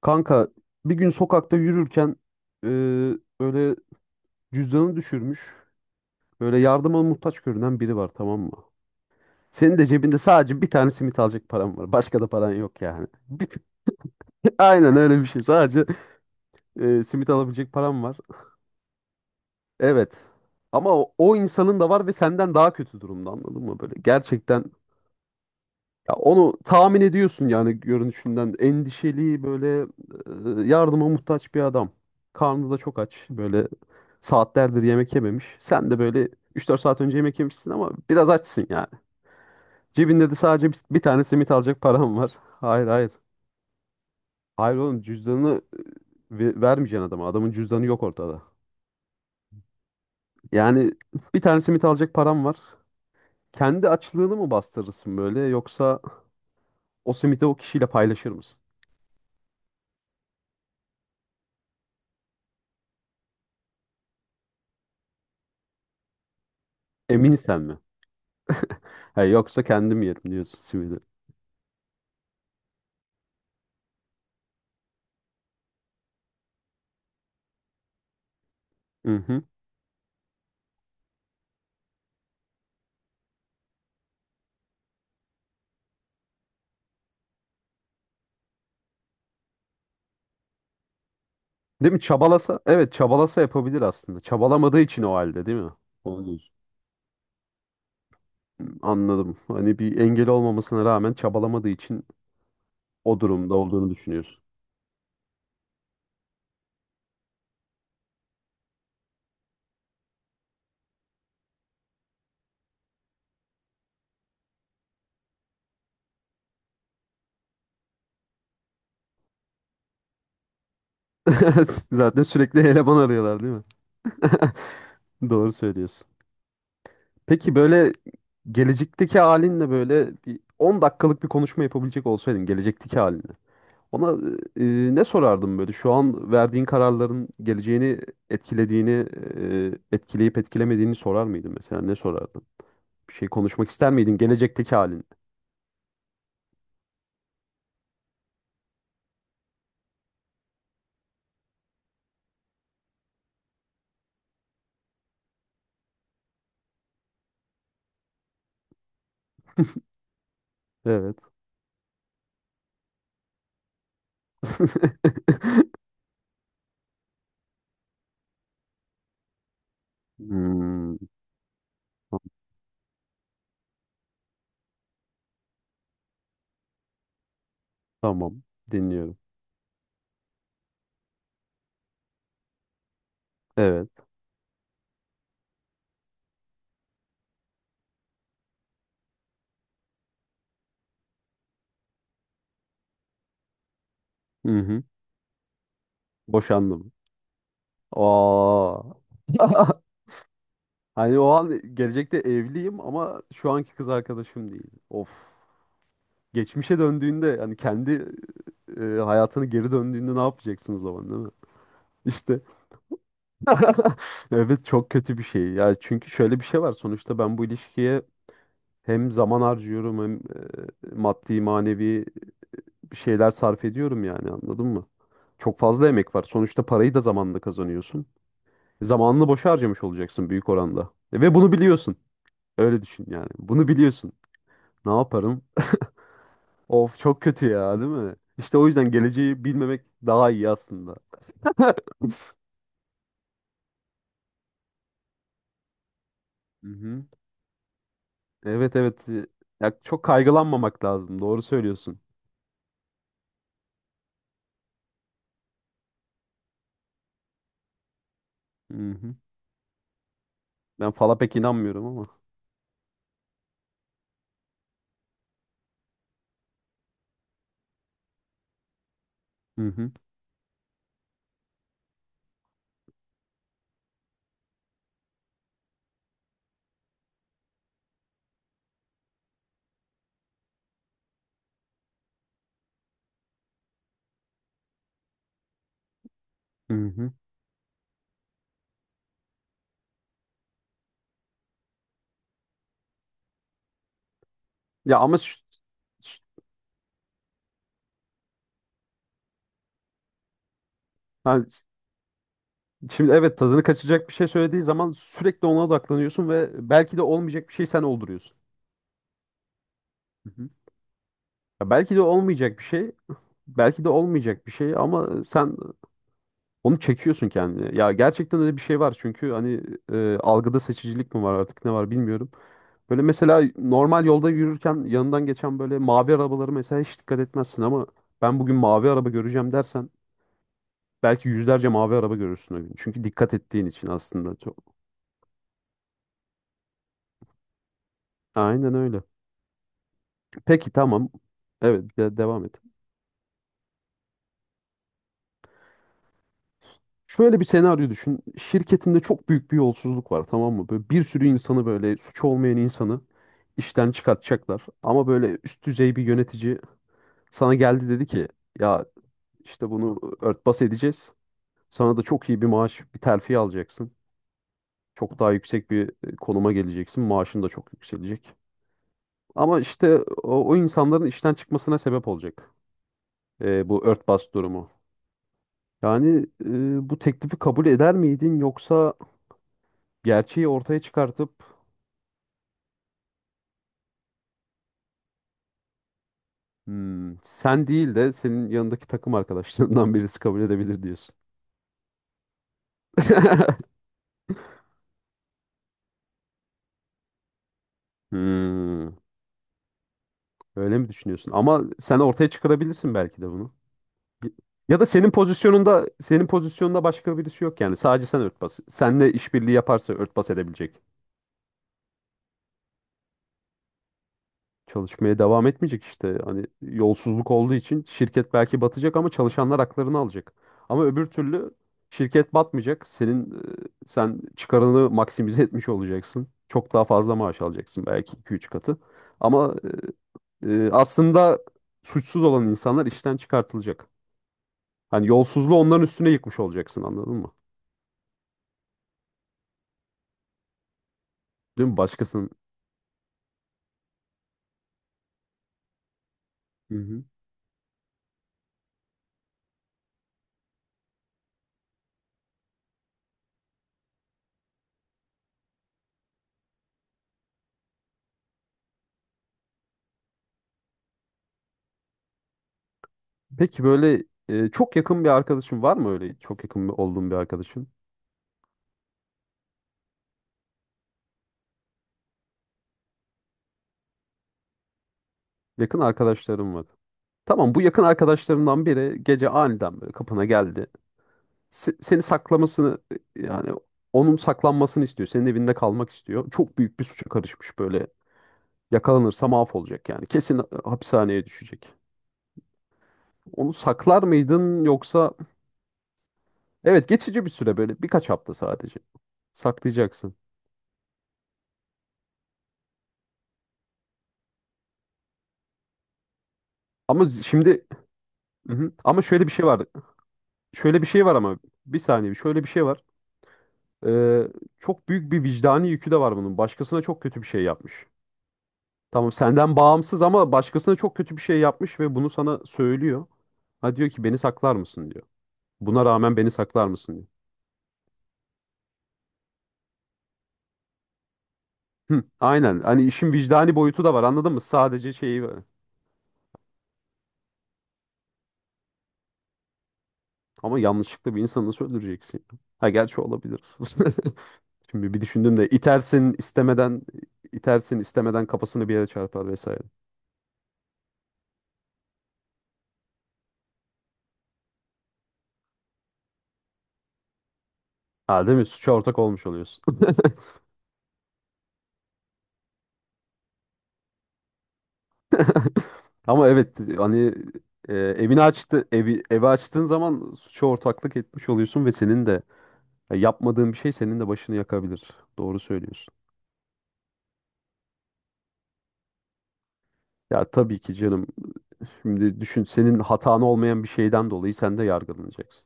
Kanka bir gün sokakta yürürken e, öyle cüzdanını düşürmüş. Böyle yardıma muhtaç görünen biri var, tamam mı? Senin de cebinde sadece bir tane simit alacak paran var. Başka da paran yok yani. Aynen öyle bir şey. Sadece simit alabilecek paran var. Evet. Ama o, o insanın da var ve senden daha kötü durumda, anladın mı? Böyle gerçekten ya onu tahmin ediyorsun yani görünüşünden. Endişeli, böyle yardıma muhtaç bir adam. Karnı da çok aç. Böyle saatlerdir yemek yememiş. Sen de böyle üç dört saat önce yemek yemişsin ama biraz açsın yani. Cebinde de sadece bir tane simit alacak param var. Hayır, hayır. Hayır oğlum, cüzdanını vermeyeceksin adama. Adamın cüzdanı yok ortada. Yani bir tane simit alacak param var. Kendi açlığını mı bastırırsın böyle, yoksa o simiti o kişiyle paylaşır mısın? Emin sen mi? Ha, yoksa kendim yerim diyorsun simidi. Hı hı. Değil mi? Çabalasa, evet çabalasa yapabilir aslında. Çabalamadığı için o halde, değil mi? Doğru diyorsun. Anladım. Hani bir engel olmamasına rağmen çabalamadığı için o durumda olduğunu düşünüyorsun. Zaten sürekli eleman arıyorlar, değil mi? Doğru söylüyorsun. Peki böyle gelecekteki halinle böyle bir 10 dakikalık bir konuşma yapabilecek olsaydın gelecekteki halinle. Ona ne sorardım böyle? Şu an verdiğin kararların geleceğini etkilediğini, etkileyip etkilemediğini sorar mıydın mesela? Ne sorardın? Bir şey konuşmak ister miydin gelecekteki halin? Evet. Hmm, tamam. Dinliyorum. Evet. Hı hı. Boşandım. Aa. Hani o an gelecekte evliyim ama şu anki kız arkadaşım değil. Of. Geçmişe döndüğünde hani kendi hayatını geri döndüğünde ne yapacaksın o zaman, değil mi? İşte evet, çok kötü bir şey. Ya çünkü şöyle bir şey var. Sonuçta ben bu ilişkiye hem zaman harcıyorum hem maddi manevi bir şeyler sarf ediyorum yani, anladın mı? Çok fazla emek var. Sonuçta parayı da zamanla kazanıyorsun. Zamanını boşa harcamış olacaksın büyük oranda. Ve bunu biliyorsun. Öyle düşün yani. Bunu biliyorsun. Ne yaparım? Of, çok kötü ya, değil mi? İşte o yüzden geleceği bilmemek daha iyi aslında. Hı. Evet, evet. Ya çok kaygılanmamak lazım. Doğru söylüyorsun. Hı hı. Ben fala pek inanmıyorum ama. Hı hı. Hı hı. Ya ama şu- şu- ha, şimdi evet, tadını kaçacak bir şey söylediği zaman sürekli ona odaklanıyorsun ve belki de olmayacak bir şey sen olduruyorsun. Hı hı. Ya belki de olmayacak belki de olmayacak bir şey ama sen onu çekiyorsun kendine. Ya gerçekten öyle bir şey var çünkü hani algıda seçicilik mi var artık, ne var bilmiyorum. Böyle mesela normal yolda yürürken yanından geçen böyle mavi arabaları mesela hiç dikkat etmezsin ama ben bugün mavi araba göreceğim dersen belki yüzlerce mavi araba görürsün o gün. Çünkü dikkat ettiğin için aslında çok. Aynen öyle. Peki tamam. Evet, devam et. Şöyle bir senaryo düşün. Şirketinde çok büyük bir yolsuzluk var, tamam mı? Böyle bir sürü insanı, böyle suçu olmayan insanı işten çıkartacaklar. Ama böyle üst düzey bir yönetici sana geldi, dedi ki ya işte bunu örtbas edeceğiz. Sana da çok iyi bir maaş, bir terfi alacaksın. Çok daha yüksek bir konuma geleceksin. Maaşın da çok yükselecek. Ama işte o, o insanların işten çıkmasına sebep olacak bu örtbas durumu. Yani bu teklifi kabul eder miydin yoksa gerçeği ortaya çıkartıp "Hmm, sen değil de senin yanındaki takım arkadaşlarından birisi kabul edebilir" diyorsun. Hmm, öyle mi düşünüyorsun? Ama sen ortaya çıkarabilirsin belki de bunu. Ya da senin pozisyonunda başka birisi yok yani. Sadece sen örtbas. Seninle işbirliği yaparsa örtbas edebilecek. Çalışmaya devam etmeyecek işte. Hani yolsuzluk olduğu için şirket belki batacak ama çalışanlar haklarını alacak. Ama öbür türlü şirket batmayacak. Senin sen çıkarını maksimize etmiş olacaksın. Çok daha fazla maaş alacaksın belki iki üç katı. Ama aslında suçsuz olan insanlar işten çıkartılacak. Hani yolsuzluğu onların üstüne yıkmış olacaksın, anladın mı? Değil mi? Başkasının. Hı hı. Peki böyle çok yakın bir arkadaşın var mı öyle? Çok yakın olduğun bir arkadaşın? Yakın arkadaşlarım var. Tamam, bu yakın arkadaşlarından biri gece aniden böyle kapına geldi. Seni saklamasını, yani onun saklanmasını istiyor. Senin evinde kalmak istiyor. Çok büyük bir suça karışmış böyle. Yakalanırsa mahvolacak yani. Kesin hapishaneye düşecek. Onu saklar mıydın yoksa evet geçici bir süre, böyle birkaç hafta sadece saklayacaksın. Ama şimdi hı hı. Ama şöyle bir şey var. Şöyle bir şey var ama bir saniye, şöyle bir şey var. Ee, Çok büyük bir vicdani yükü de var bunun. Başkasına çok kötü bir şey yapmış. Tamam, senden bağımsız ama başkasına çok kötü bir şey yapmış ve bunu sana söylüyor. Ha, diyor ki beni saklar mısın diyor. Buna rağmen beni saklar mısın diyor. Hı, aynen. Hani işin vicdani boyutu da var, anladın mı? Sadece şeyi var. Ama yanlışlıkla bir insanı nasıl öldüreceksin? Ha, gerçi olabilir. Şimdi bir düşündüm de, itersin istemeden, itersin istemeden kafasını bir yere çarpar vesaire. Ha, değil mi? Suça ortak olmuş oluyorsun. Ama evet hani evini açtı, evi açtığın zaman suça ortaklık etmiş oluyorsun ve senin de ya yapmadığın bir şey senin de başını yakabilir. Doğru söylüyorsun. Ya tabii ki canım. Şimdi düşün, senin hatan olmayan bir şeyden dolayı sen de yargılanacaksın.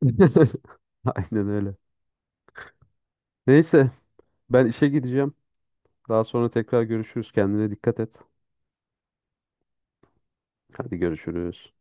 Aynen öyle. Neyse, ben işe gideceğim. Daha sonra tekrar görüşürüz. Kendine dikkat et. Hadi görüşürüz.